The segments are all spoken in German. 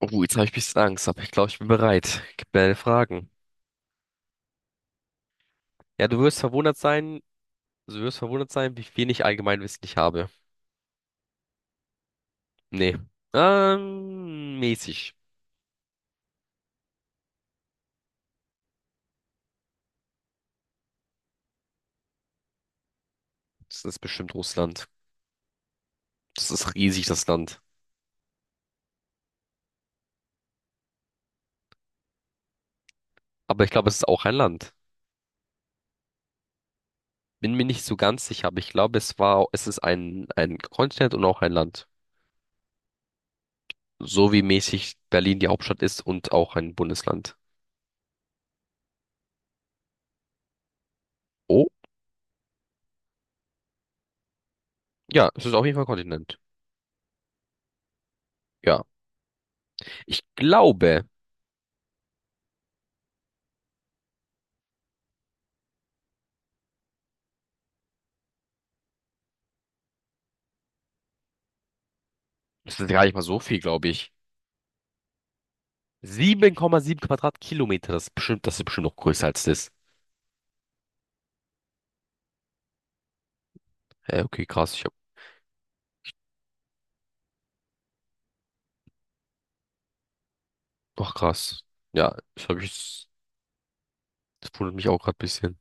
Oh, jetzt habe ich ein bisschen Angst, aber ich glaube, ich bin bereit. Gib mir deine Fragen. Ja, du wirst verwundert sein, wie viel ich Allgemeinwissen ich habe. Nee. Mäßig. Das ist bestimmt Russland. Das ist riesig, das Land. Aber ich glaube, es ist auch ein Land. Bin mir nicht so ganz sicher, aber ich glaube, es ist ein Kontinent und auch ein Land. So wie mäßig Berlin die Hauptstadt ist und auch ein Bundesland. Oh, ja, es ist auf jeden Fall ein Kontinent. Ja. Ich glaube, es ist gar nicht mal so viel, glaube ich. 7,7 Quadratkilometer, das ist bestimmt noch größer als das. Okay, krass, ach krass. Ja, das wundert mich auch gerade ein bisschen.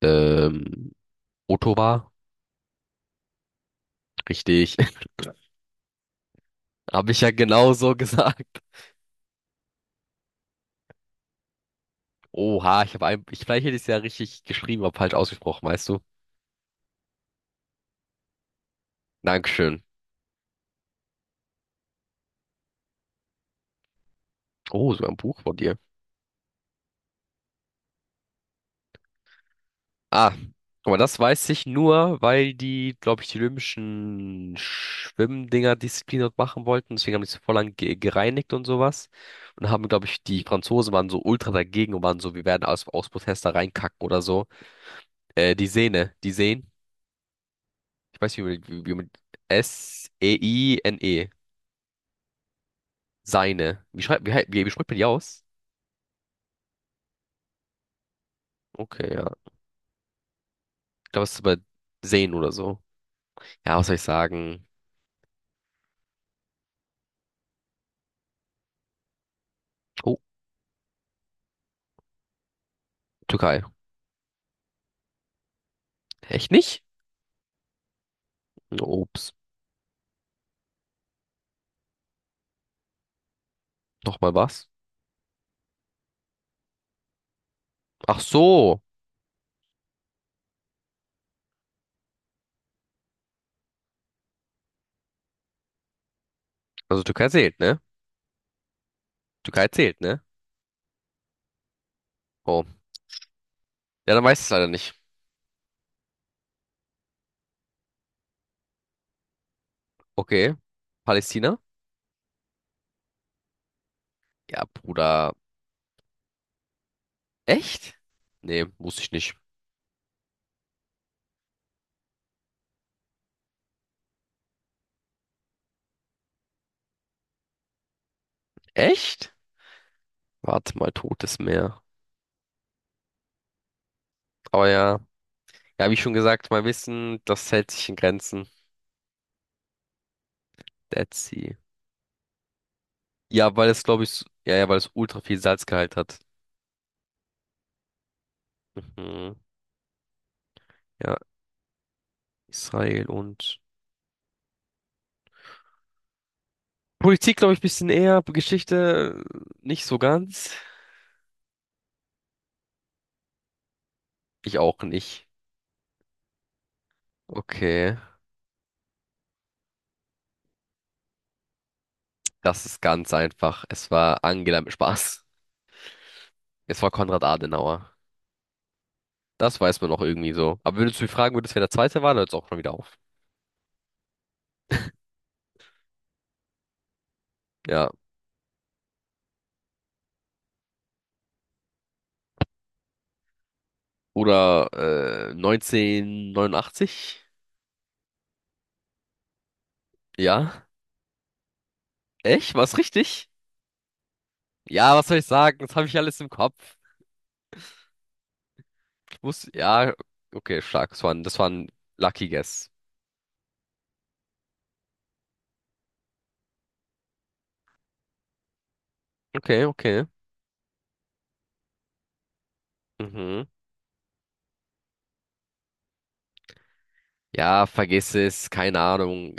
Ähm, Ottawa, richtig. Habe ich ja genau so gesagt. Oha, ich habe ein, ich, vielleicht hätte ich es ja richtig geschrieben, aber falsch ausgesprochen, weißt du? Dankeschön. Oh, so ein Buch von dir. Ah, aber das weiß ich nur, weil die, glaube ich, die olympischen Schwimmdinger Disziplin dort machen wollten. Deswegen haben die es voll lang ge gereinigt und sowas. Und haben, glaube ich, die Franzosen waren so ultra dagegen und waren so, wir werden aus Protest da reinkacken oder so. Die Sehnen. Ich weiß nicht, wie man. Seine. Seine. Wie schreibt, wie, hei- wie, wie spricht man die aus? Okay, ja. Ich glaube, es ist bei Sehnen oder so. Ja, was soll ich sagen? Oh, Türkei. Echt nicht? Ups. Nochmal was? Ach so. Also Türkei zählt, ne? Türkei zählt, ne? Oh. Ja, dann weiß ich es leider nicht. Okay. Palästina? Ja, Bruder. Echt? Nee, wusste ich nicht. Echt? Warte mal, Totes Meer. Aber ja. Ja, wie schon gesagt, mein Wissen, das hält sich in Grenzen. Dead Sea. Ja, weil es, glaube ich, ja, ja, weil es ultra viel Salzgehalt hat. Mhm. Ja, Israel und Politik, glaube ich, ein bisschen eher. Geschichte nicht so ganz. Ich auch nicht. Okay. Das ist ganz einfach. Es war Angela mit Spaß. Es war Konrad Adenauer. Das weiß man noch irgendwie so. Aber wenn du mich fragen, würdest, wer der Zweite war, dann hört es auch schon wieder auf. Ja. Oder 1989? Ja. Echt? War's richtig? Ja, was soll ich sagen? Das habe ich alles im Kopf. Ja, okay, stark. Das war ein Lucky Guess. Okay, okay. Mhm. Ja, vergiss es. Keine Ahnung.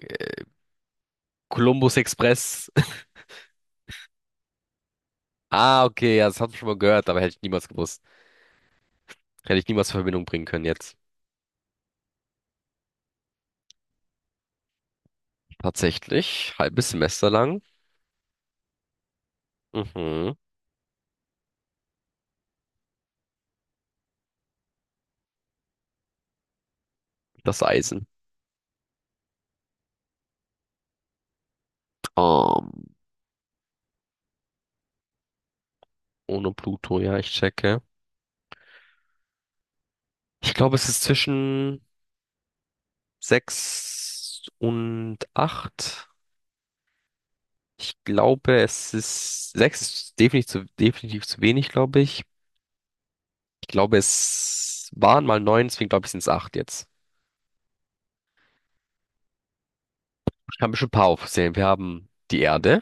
Columbus Express. Ah, okay, ja, das hab ich schon mal gehört, aber hätte ich niemals gewusst. Hätte ich niemals in Verbindung bringen können jetzt. Tatsächlich, halbes Semester lang. Mhm. Das Eisen. Ähm, ohne Pluto, ja, ich checke. Ich glaube, es ist zwischen 6 und acht. Ich glaube, es ist 6 ist definitiv zu wenig, glaube ich. Ich glaube, es waren mal 9, deswegen glaube ich, sind es 8 jetzt. Ich kann bestimmt ein paar aufzählen. Wir haben die Erde,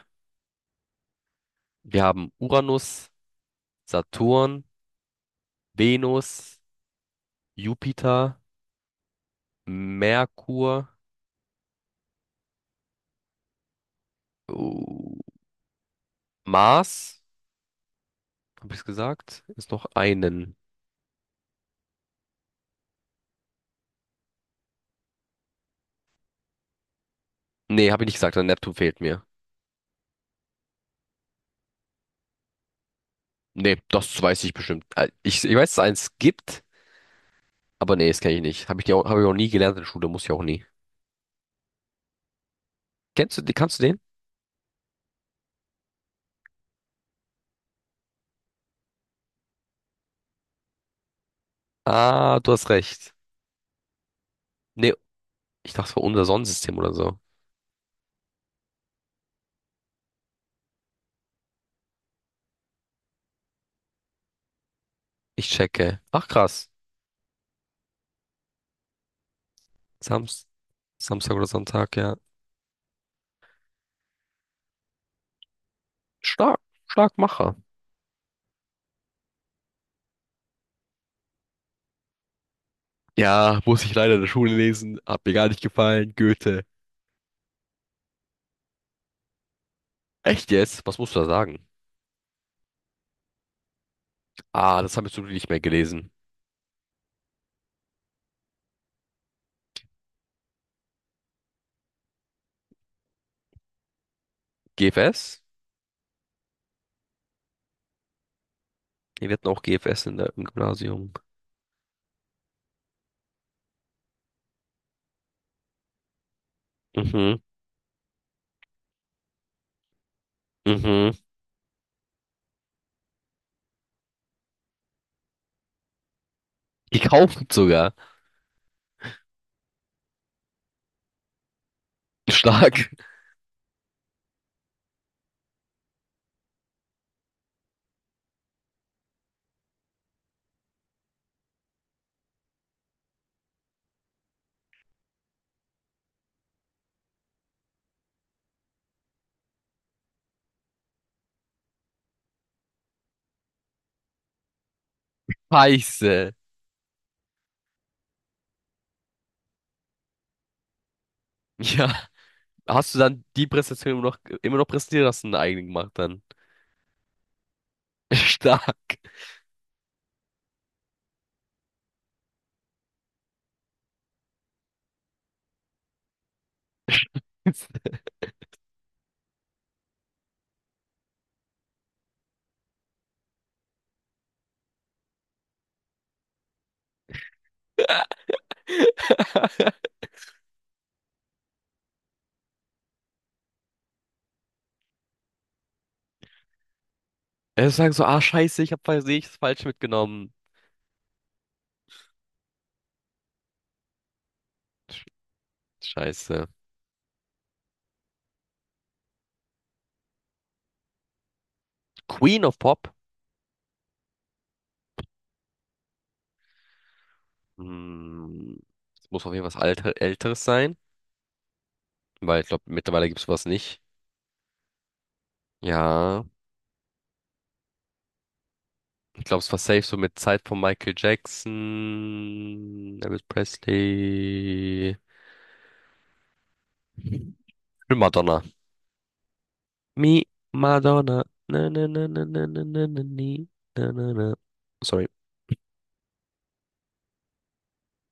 wir haben Uranus, Saturn, Venus, Jupiter. Merkur, oh, Mars, habe ich gesagt? Ist noch einen. Nee, habe ich nicht gesagt, der Neptun fehlt mir. Nee, das weiß ich bestimmt. Ich weiß, dass es eins gibt, aber nee, das kenne ich nicht. Hab ich auch nie gelernt in der Schule, muss ich auch nie. Kannst du den? Ah, du hast recht. Nee, ich dachte, es war unser Sonnensystem oder so. Ich checke. Ach, krass. Samst, Samstag oder Sonntag, ja. Stark, stark Macher. Ja, muss ich leider in der Schule lesen. Hat mir gar nicht gefallen. Goethe. Echt jetzt? Was musst du da sagen? Ah, das habe ich so nicht mehr gelesen. GFS? Nee, wir hatten auch GFS im Gymnasium. Mhm, mhm. Gekauft sogar. Stark. Scheiße. Ja. Hast du dann die Präsentation immer noch präsentiert, hast du eine eigene gemacht dann? Stark. Scheiße. Er sagt so, ah, scheiße, ich habe versehentlich das falsch mitgenommen. Sch- Scheiße. Queen of Pop? Hm, das muss auf jeden Fall was Älteres sein, weil ich glaube, mittlerweile gibt es sowas nicht. Ja. Ich glaube, es war safe so mit Zeit von Michael Jackson, Elvis Presley, und Madonna. Me, Madonna. Na, na, na, na, na, na, na, na, na, na, na. Sorry.